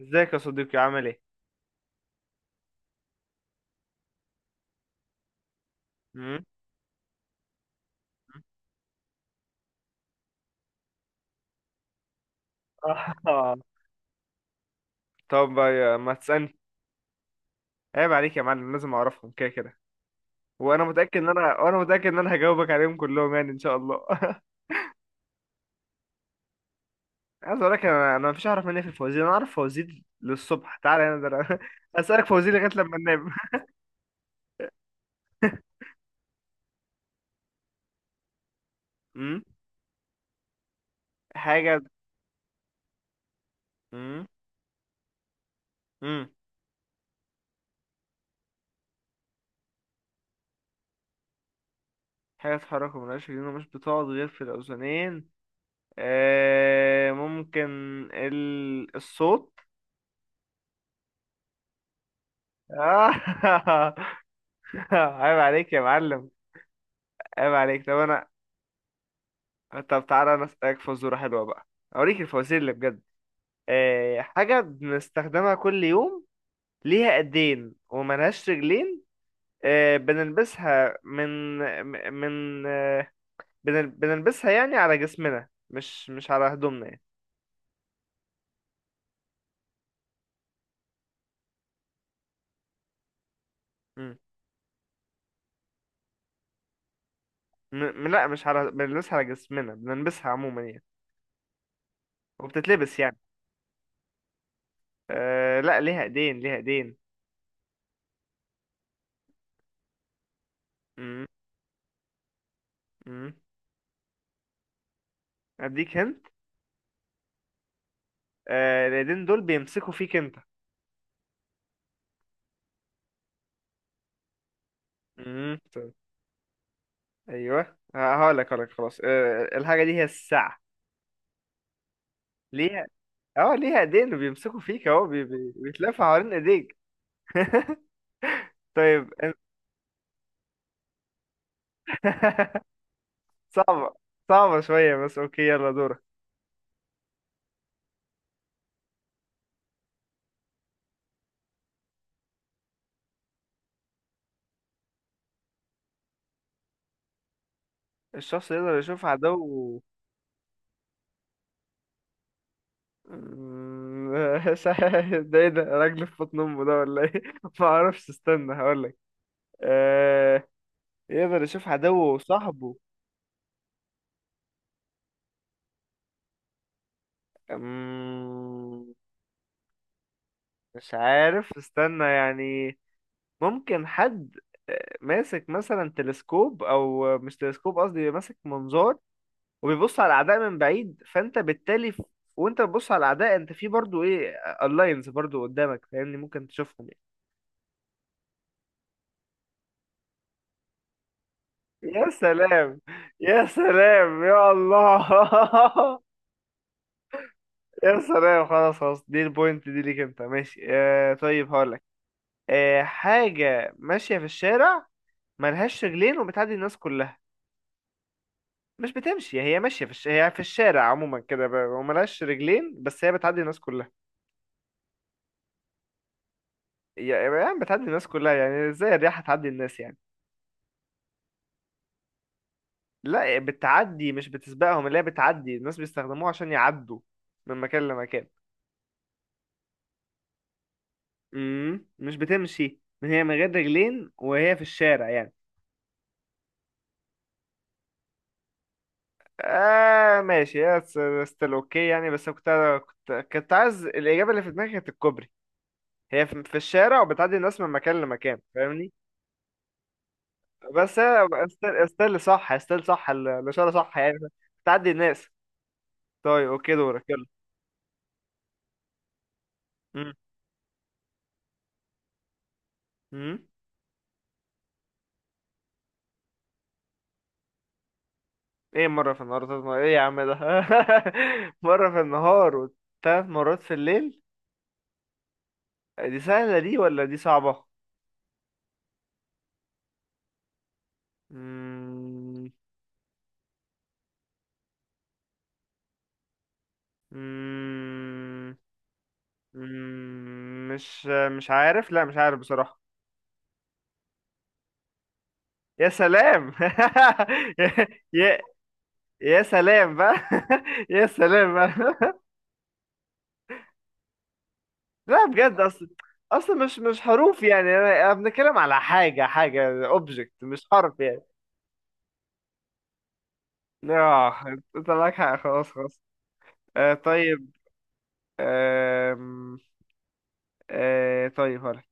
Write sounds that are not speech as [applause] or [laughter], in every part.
ازيك يا صديقي، عامل ايه؟ مم؟ [laughs] آه. طب ما تسألني. عيب عليك يا معلم، لازم اعرفهم كده كده. وانا متأكد ان انا هجاوبك عليهم كلهم يعني ان شاء الله. [laughs] عايز اقول لك، انا مفيش اعرف مني في الفوازير. انا اعرف فوازير للصبح، تعالى هنا، ده انا [laughs] اسألك فوازير لغاية لما انام. [laughs] مم؟ حاجة. مم؟ مم؟ حاجة تتحرك وملهاش رجلين ومش بتقعد غير في الأذنين. آه ممكن الصوت. [laughs] آه. [laughs] عيب عليك يا معلم. عيب عليك. طب انا، طب تعالى انا اسالك فزوره حلوه بقى. اوريك الفوازير اللي بجد. حاجه بنستخدمها كل يوم، ليها ايدين وملهاش رجلين. بنلبسها من من بنلبسها يعني على جسمنا، مش على هدومنا يعني. مم. م... لا، مش على، بنلبسها على جسمنا، بنلبسها عموما يعني، وبتتلبس يعني. لا، ليها ايدين، ليها ايدين. مم. مم. اديك هنت. الايدين دول بيمسكوا فيك انت. مم. ايوه. هقولك خلاص، الحاجه دي هي الساعه. ليها، اه ليها ايدين وبيمسكوا فيك اهو، بيتلف حوالين ايديك. [laughs] طيب. [laughs] صعبه، صعبه شويه بس اوكي، يلا دورك. الشخص يقدر يشوف عدو. مم، [laughs] ده ايه ده؟ راجل في بطن امه ده ولا ايه؟ [laughs] ما اعرفش، استنى هقولك. آه... يقدر يشوف عدوه وصاحبه. مم، مش عارف، استنى يعني. ممكن حد ماسك مثلا تلسكوب، او مش تلسكوب قصدي، بيبقى ماسك منظار وبيبص على الاعداء من بعيد، فانت بالتالي وانت بتبص على الاعداء، انت في برضو ايه، اللاينز برضو قدامك، فاهمني؟ ممكن تشوفهم يعني. يا سلام، يا سلام يا الله. [laughs] يا سلام. خلاص خلاص، دي البوينت دي ليك انت، ماشي. طيب هقولك. حاجة ماشية في الشارع، ملهاش رجلين وبتعدي الناس كلها. مش بتمشي، هي ماشية هي في الشارع عموما كده، وملهاش رجلين، بس هي بتعدي الناس كلها. يعني بتعدي الناس كلها. يعني ازاي الرياح هتعدي الناس يعني؟ لا، بتعدي مش بتسبقهم، اللي هي بتعدي الناس بيستخدموها عشان يعدوا من مكان لمكان. مش بتمشي، هي من غير رجلين وهي في الشارع يعني. آه، ماشي يا، ستيل اوكي يعني، بس كنت، كنت عايز الإجابة اللي في دماغي، كانت الكوبري. هي في الشارع وبتعدي الناس من مكان لمكان، فاهمني؟ بس أنا استل صح استل صح، الإشارة صح يعني. تعدي الناس. طيب أوكي، دورك يلا. مم. مم. إيه؟ مرة في النهار وثلاث مرات، إيه يا عم ده؟ [laughs] مرة في النهار وثلاث مرات في الليل. دي سهلة دي ولا دي صعبة؟ مم. مم. مم. مش عارف، لا مش عارف بصراحة. يا سلام. [laughs] يا يا يا سلام بقى. [laughs] يا سلام بقى. لا بجد، اصل، مش حروف يعني، انا بنتكلم على حاجه، حاجه اوبجكت مش حرف يعني. اه، انت معاك حق، خلاص خلاص. آه طيب. آم، آه طيب هقول.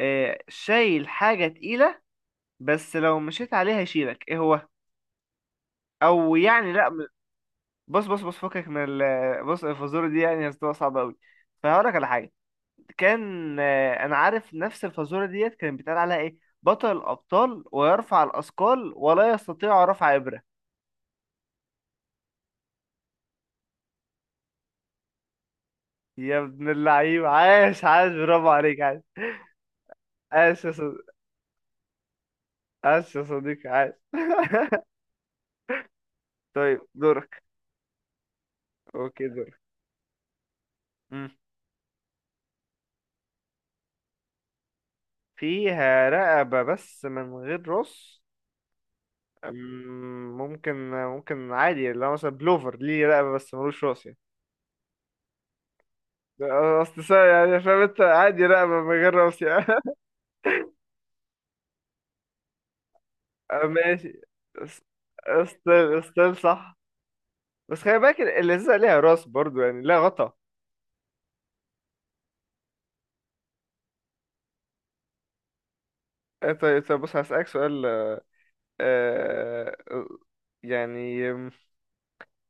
شايل حاجه تقيله، بس لو مشيت عليها يشيلك، ايه هو؟ او يعني لا بص بص بص، فكك من بص، الفزوره دي يعني هتبقى صعبه قوي، فهقول لك على حاجه. كان انا عارف نفس الفازوره ديت كان بيتقال عليها ايه، بطل الابطال ويرفع الاثقال ولا يستطيع رفع ابره. يا ابن اللعيب، عاش عاش، برافو عليك عاش. عاش يا صديقي، عاش يا صديقي، عاش. [laughs] طيب دورك. اوكي دورك. مم. فيها رقبة بس من غير راس. ممكن عادي، اللي هو مثلا بلوفر ليه رقبة بس ملوش راس يعني. أصل يعني فاهم انت؟ عادي رقبة من غير راس يعني. آه، ماشي. استيل صح. بس خلي بالك، اللذيذة ليها راس برضو يعني، لا غطا. آه، طيب طيب، بص هسألك سؤال. آه، يعني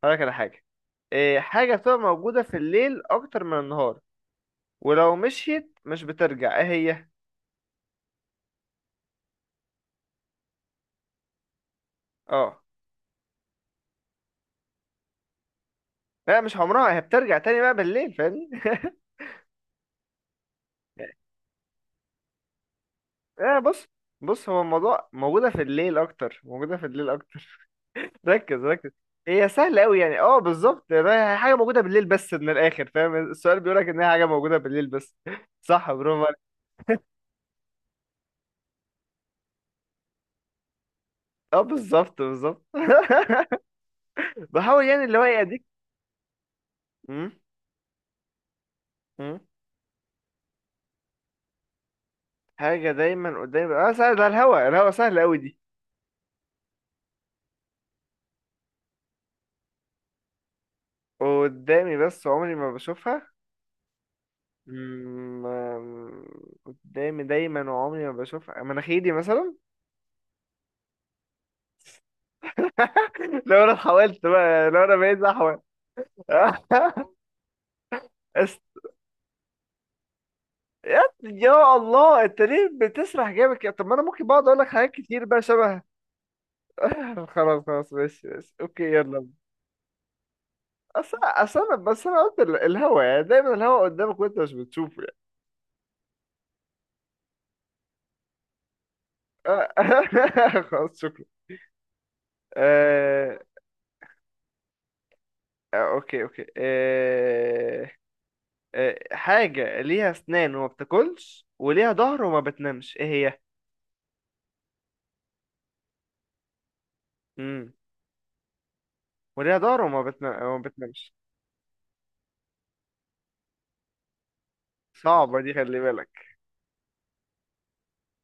هقولك على حاجة. حاجة بتبقى موجودة في الليل أكتر من النهار، ولو مشيت مش بترجع، إيه هي؟ اه لا، مش عمرها، هي بترجع تاني بقى بالليل، فاهمني؟ [laughs] لا بص، بص هو الموضوع، موجودة في الليل أكتر، موجودة في الليل أكتر. ركز ركز. هي سهلة أوي يعني. اه بالظبط، هي حاجة موجودة بالليل بس، من الآخر. فاهم السؤال بيقولك إن هي حاجة موجودة بالليل بس؟ [laughs] صح، برافو عليك. اه بالظبط بالظبط. [laughs] بحاول يعني، اللي هو إيه أديك. م- م- حاجة دايما قدامي. اه سهل، ده الهوا، سهل أوي دي. قدامي بس عمري ما بشوفها. م- م- قدامي دايما وعمري ما بشوفها، مناخيري مثلا. [laughs] لو أنا حاولت بقى، لو أنا بقيت أحول. [laughs] يا الله، انت ليه بتسرح جامد كده؟ طب ما انا ممكن بقعد اقول لك حاجات كتير بقى شبه. [laughs] خلاص خلاص، ماشي ماشي اوكي، يلا. اصل انا، بس انا قلت الهوا، يعني دايما الهوا قدامك وانت مش بتشوفه. يعني [laughs] خلاص شكرا. آه... اوكي اوكي. حاجة ليها اسنان وما بتاكلش وليها ظهر وما بتنامش، ايه هي؟ امم وليها ظهر وما وما بتنامش. صعبة دي، خلي بالك.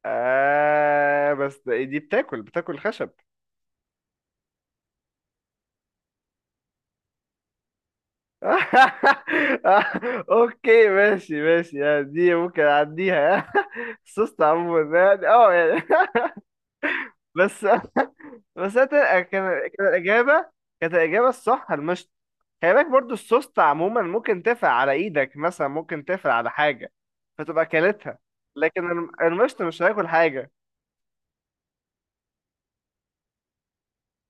بس دي بتاكل خشب. [laughs] اوكي ماشي ماشي يعني، دي ممكن اعديها. [laughs] سوست عموما يعني، اه يعني. [laughs] بس، بس أنت- كان كان الاجابه كانت الاجابه الصح المشط. خلي بالك برضو السوست عموما ممكن تقفل على ايدك مثلا، ممكن تقفل على حاجه، فتبقى كلتها. لكن المشط مش هياكل حاجه.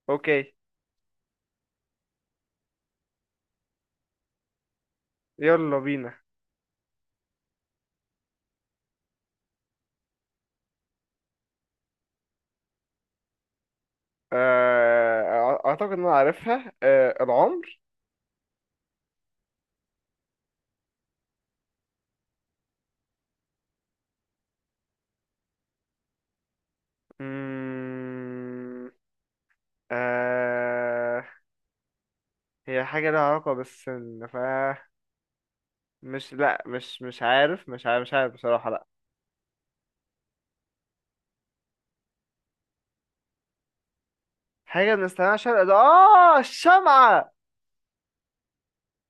اوكي، يلا بينا. آه، اعتقد ان انا عارفها، آه، العمر. مم، آه، هي حاجة لها علاقة بالسن، ف، مش، لا مش عارف، مش عارف مش عارف بصراحة، لا. حاجة بنستخدمها عشان ده، الشمعة.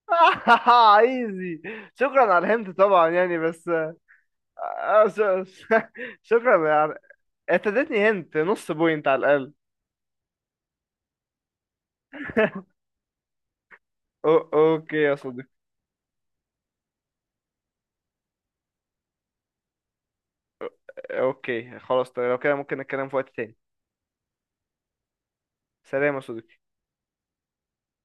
[laughs] عايزي. شكرا على الهنت طبعا يعني، بس. آه ش... ش- [laughs] شكرا يعني. انت اديتني هنت نص بوينت على الأقل. [laughs] اوكي يا صديقي. اوكي خلاص، طيب لو كده ممكن نتكلم في وقت تاني. سلام يا صديقي.